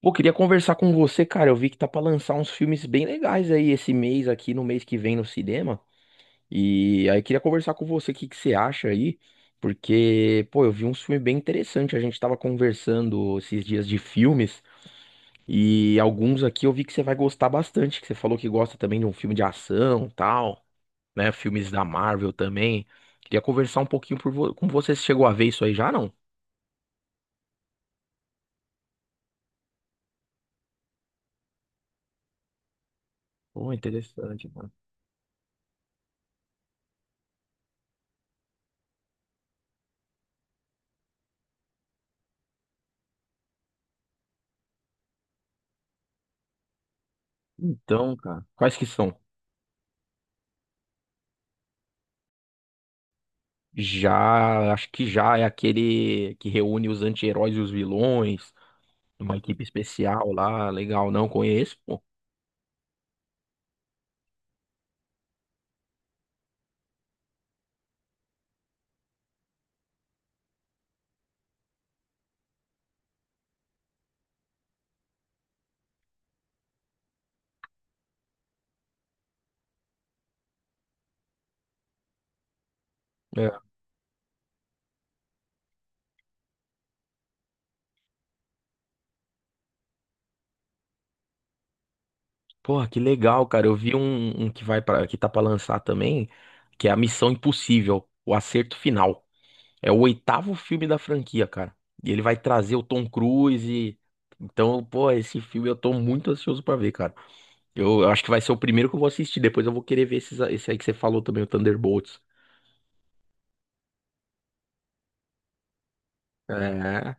Pô, queria conversar com você, cara. Eu vi que tá pra lançar uns filmes bem legais aí esse mês aqui, no mês que vem no cinema. E aí queria conversar com você o que que você acha aí, porque, pô, eu vi uns filmes bem interessantes. A gente tava conversando esses dias de filmes e alguns aqui eu vi que você vai gostar bastante, que você falou que gosta também de um filme de ação, tal, né? Filmes da Marvel também. Queria conversar um pouquinho com você. Você chegou a ver isso aí já, não? Pô, interessante, mano. Então, cara, quais que são? Já, acho que já é aquele que reúne os anti-heróis e os vilões, uma equipe especial lá, legal, não conheço, pô. É. Porra, que legal, cara. Eu vi um que vai para que tá pra lançar também, que é a Missão Impossível, o Acerto Final. É o oitavo filme da franquia, cara. E ele vai trazer o Tom Cruise. Então, pô, esse filme eu tô muito ansioso pra ver, cara. Eu acho que vai ser o primeiro que eu vou assistir. Depois eu vou querer ver esse aí que você falou também, o Thunderbolts. É.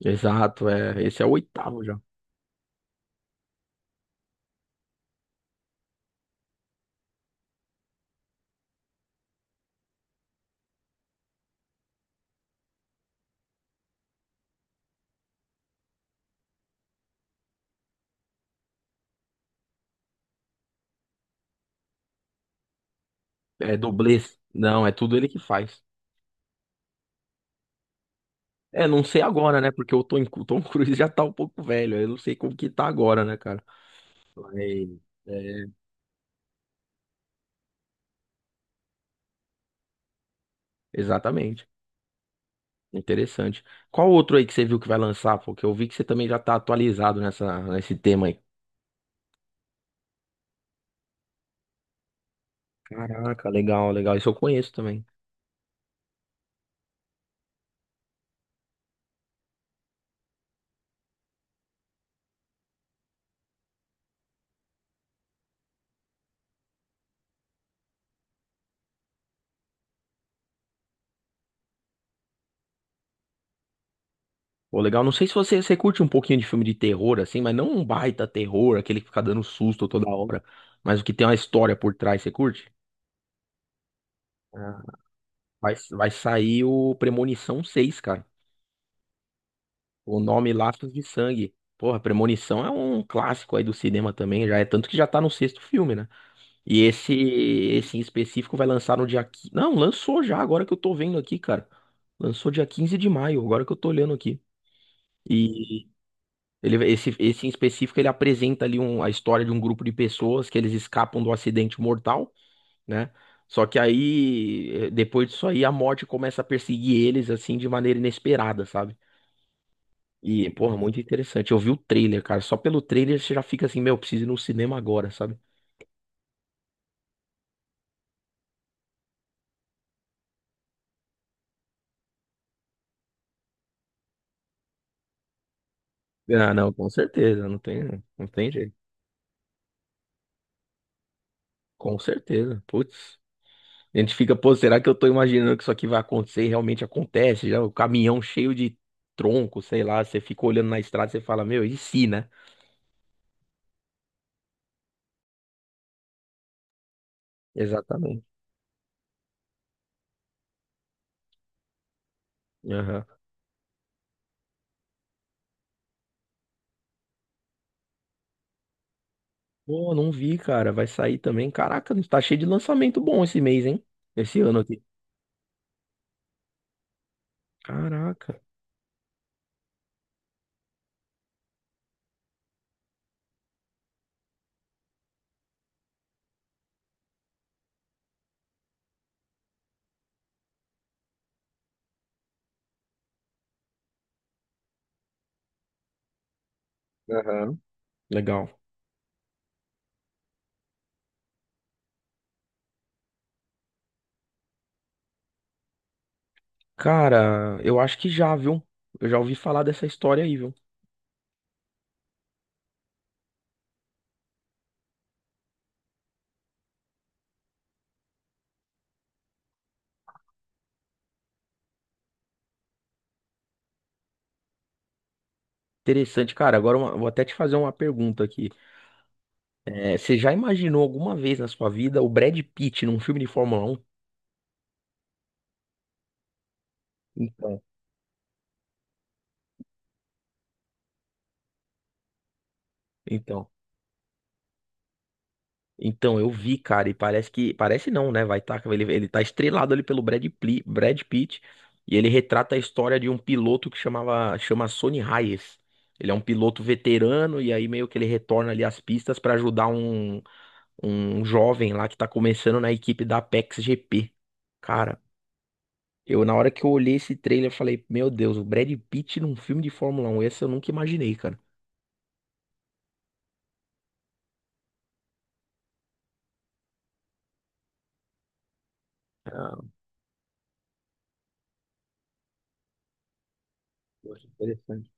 Exato, é, esse é o oitavo já. É dublês. Não, é tudo ele que faz. É, não sei agora, né? Porque o Tom Cruise já tá um pouco velho. Eu não sei como que tá agora, né, cara? Mas, é, exatamente. Interessante. Qual outro aí que você viu que vai lançar? Porque eu vi que você também já tá atualizado nesse tema aí. Caraca, legal, legal. Isso eu conheço também. Pô, legal. Não sei se você curte um pouquinho de filme de terror, assim, mas não um baita terror, aquele que fica dando susto toda hora, mas o que tem uma história por trás, você curte? Vai sair o Premonição 6, cara. O nome Laços de Sangue. Porra, Premonição é um clássico aí do cinema também, já é tanto que já tá no sexto filme, né? E esse em específico vai lançar no dia 15. Não, lançou já, agora que eu tô vendo aqui, cara. Lançou dia 15 de maio, agora que eu tô olhando aqui. E ele esse esse em específico ele apresenta ali a história de um grupo de pessoas que eles escapam do acidente mortal, né? Só que aí, depois disso aí, a morte começa a perseguir eles, assim, de maneira inesperada, sabe? E, porra, muito interessante. Eu vi o trailer, cara. Só pelo trailer você já fica assim, meu, preciso ir no cinema agora, sabe? Ah, não, com certeza. Não tem jeito. Com certeza. Putz. A gente fica, pô, será que eu tô imaginando que isso aqui vai acontecer? E realmente acontece, já o caminhão cheio de tronco, sei lá. Você fica olhando na estrada, e você fala, meu, e se, né? Exatamente. Aham. Pô, não vi, cara. Vai sair também. Caraca, tá cheio de lançamento bom esse mês, hein? Esse ano aqui. Caraca. Aham. Legal. Cara, eu acho que já, viu? Eu já ouvi falar dessa história aí, viu? Interessante, cara. Agora vou até te fazer uma pergunta aqui. Você já imaginou alguma vez na sua vida o Brad Pitt num filme de Fórmula 1? Então, Então, Então, eu vi, cara, e parece que. Parece não, né? Vai tá, ele tá estrelado ali pelo Brad Pitt. E ele retrata a história de um piloto que chama Sonny Hayes. Ele é um piloto veterano, e aí meio que ele retorna ali às pistas pra ajudar um jovem lá que tá começando na equipe da Apex GP. Cara, eu na hora que eu olhei esse trailer, eu falei, meu Deus, o Brad Pitt num filme de Fórmula 1, esse eu nunca imaginei, cara. Poxa, interessante.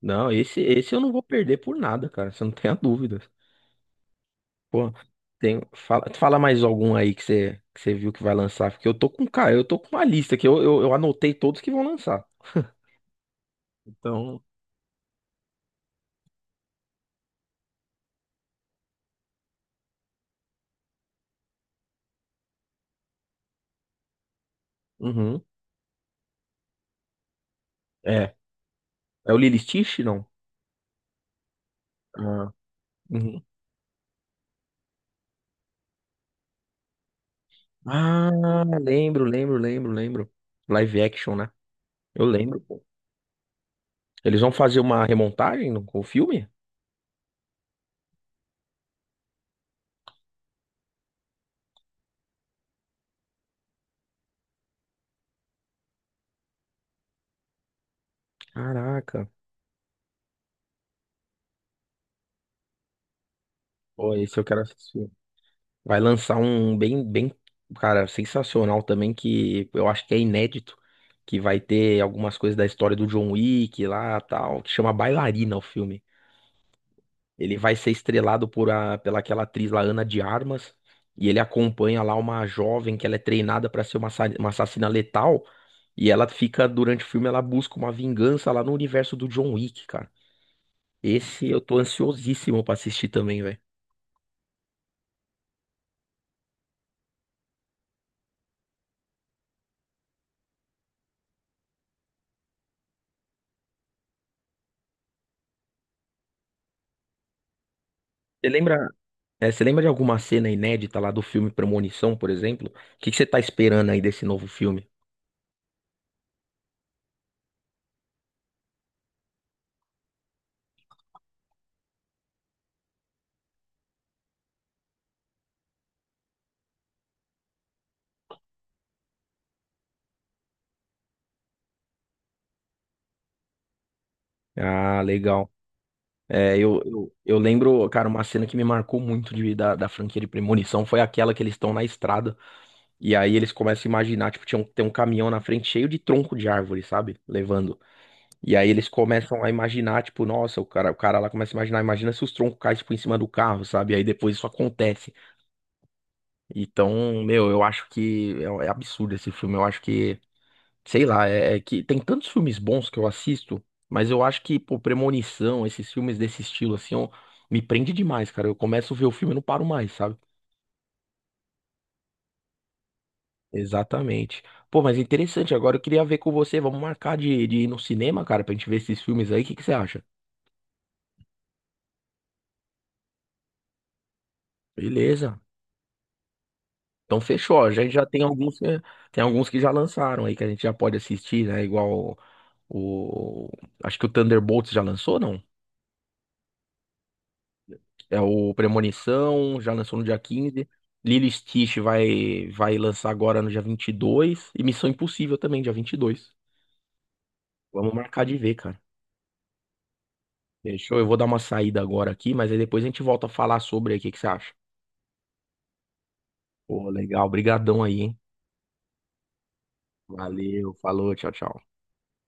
Não, esse eu não vou perder por nada, cara. Você não tem a dúvida. Pô, tem, fala mais algum aí que você viu que vai lançar, porque eu tô com, cara, eu tô com uma lista que eu anotei todos que vão lançar. Então, uhum, é. É o Lilo e Stitch, não? Ah, uhum. Ah, lembro, lembro, lembro, lembro. Live action, né? Eu lembro, pô. Eles vão fazer uma remontagem com o filme? Caraca. Pô, esse eu quero assistir. Vai lançar um bem, bem, cara, sensacional também, que eu acho que é inédito, que vai ter algumas coisas da história do John Wick lá, tal, que chama Bailarina o filme. Ele vai ser estrelado pela aquela atriz lá, Ana de Armas, e ele acompanha lá uma jovem que ela é treinada para ser uma assassina letal, e ela fica, durante o filme, ela busca uma vingança lá no universo do John Wick, cara. Esse eu tô ansiosíssimo pra assistir também, velho. Você lembra você lembra de alguma cena inédita lá do filme Premonição, por exemplo? O que que você tá esperando aí desse novo filme? Ah, legal. É, eu lembro, cara, uma cena que me marcou muito da franquia de Premonição foi aquela que eles estão na estrada e aí eles começam a imaginar, tipo, tem um caminhão na frente cheio de tronco de árvore, sabe? Levando. E aí eles começam a imaginar, tipo, nossa, o cara lá começa a imagina se os troncos caem, tipo, em cima do carro, sabe? E aí depois isso acontece. Então, meu, eu acho que é absurdo esse filme, eu acho que sei lá, é que tem tantos filmes bons que eu assisto, mas eu acho que, pô, Premonição, esses filmes desse estilo, assim, ó, me prende demais, cara. Eu começo a ver o filme e não paro mais, sabe? Exatamente. Pô, mas interessante, agora eu queria ver com você, vamos marcar de ir no cinema, cara, pra gente ver esses filmes aí, o que que você acha? Beleza. Então fechou, a gente já tem alguns, tem alguns que já lançaram aí, que a gente já pode assistir, né? Igual o, o- acho que o Thunderbolts já lançou, não? É, o Premonição já lançou no dia 15, Lilo e Stitch vai, vai lançar agora no dia 22, e Missão Impossível também, dia 22. Vamos marcar de ver, cara. Fechou? Eu vou dar uma saída agora aqui, mas aí depois a gente volta a falar sobre aí. O que que você acha? Pô, legal. Obrigadão aí, hein? Valeu, falou, tchau, tchau.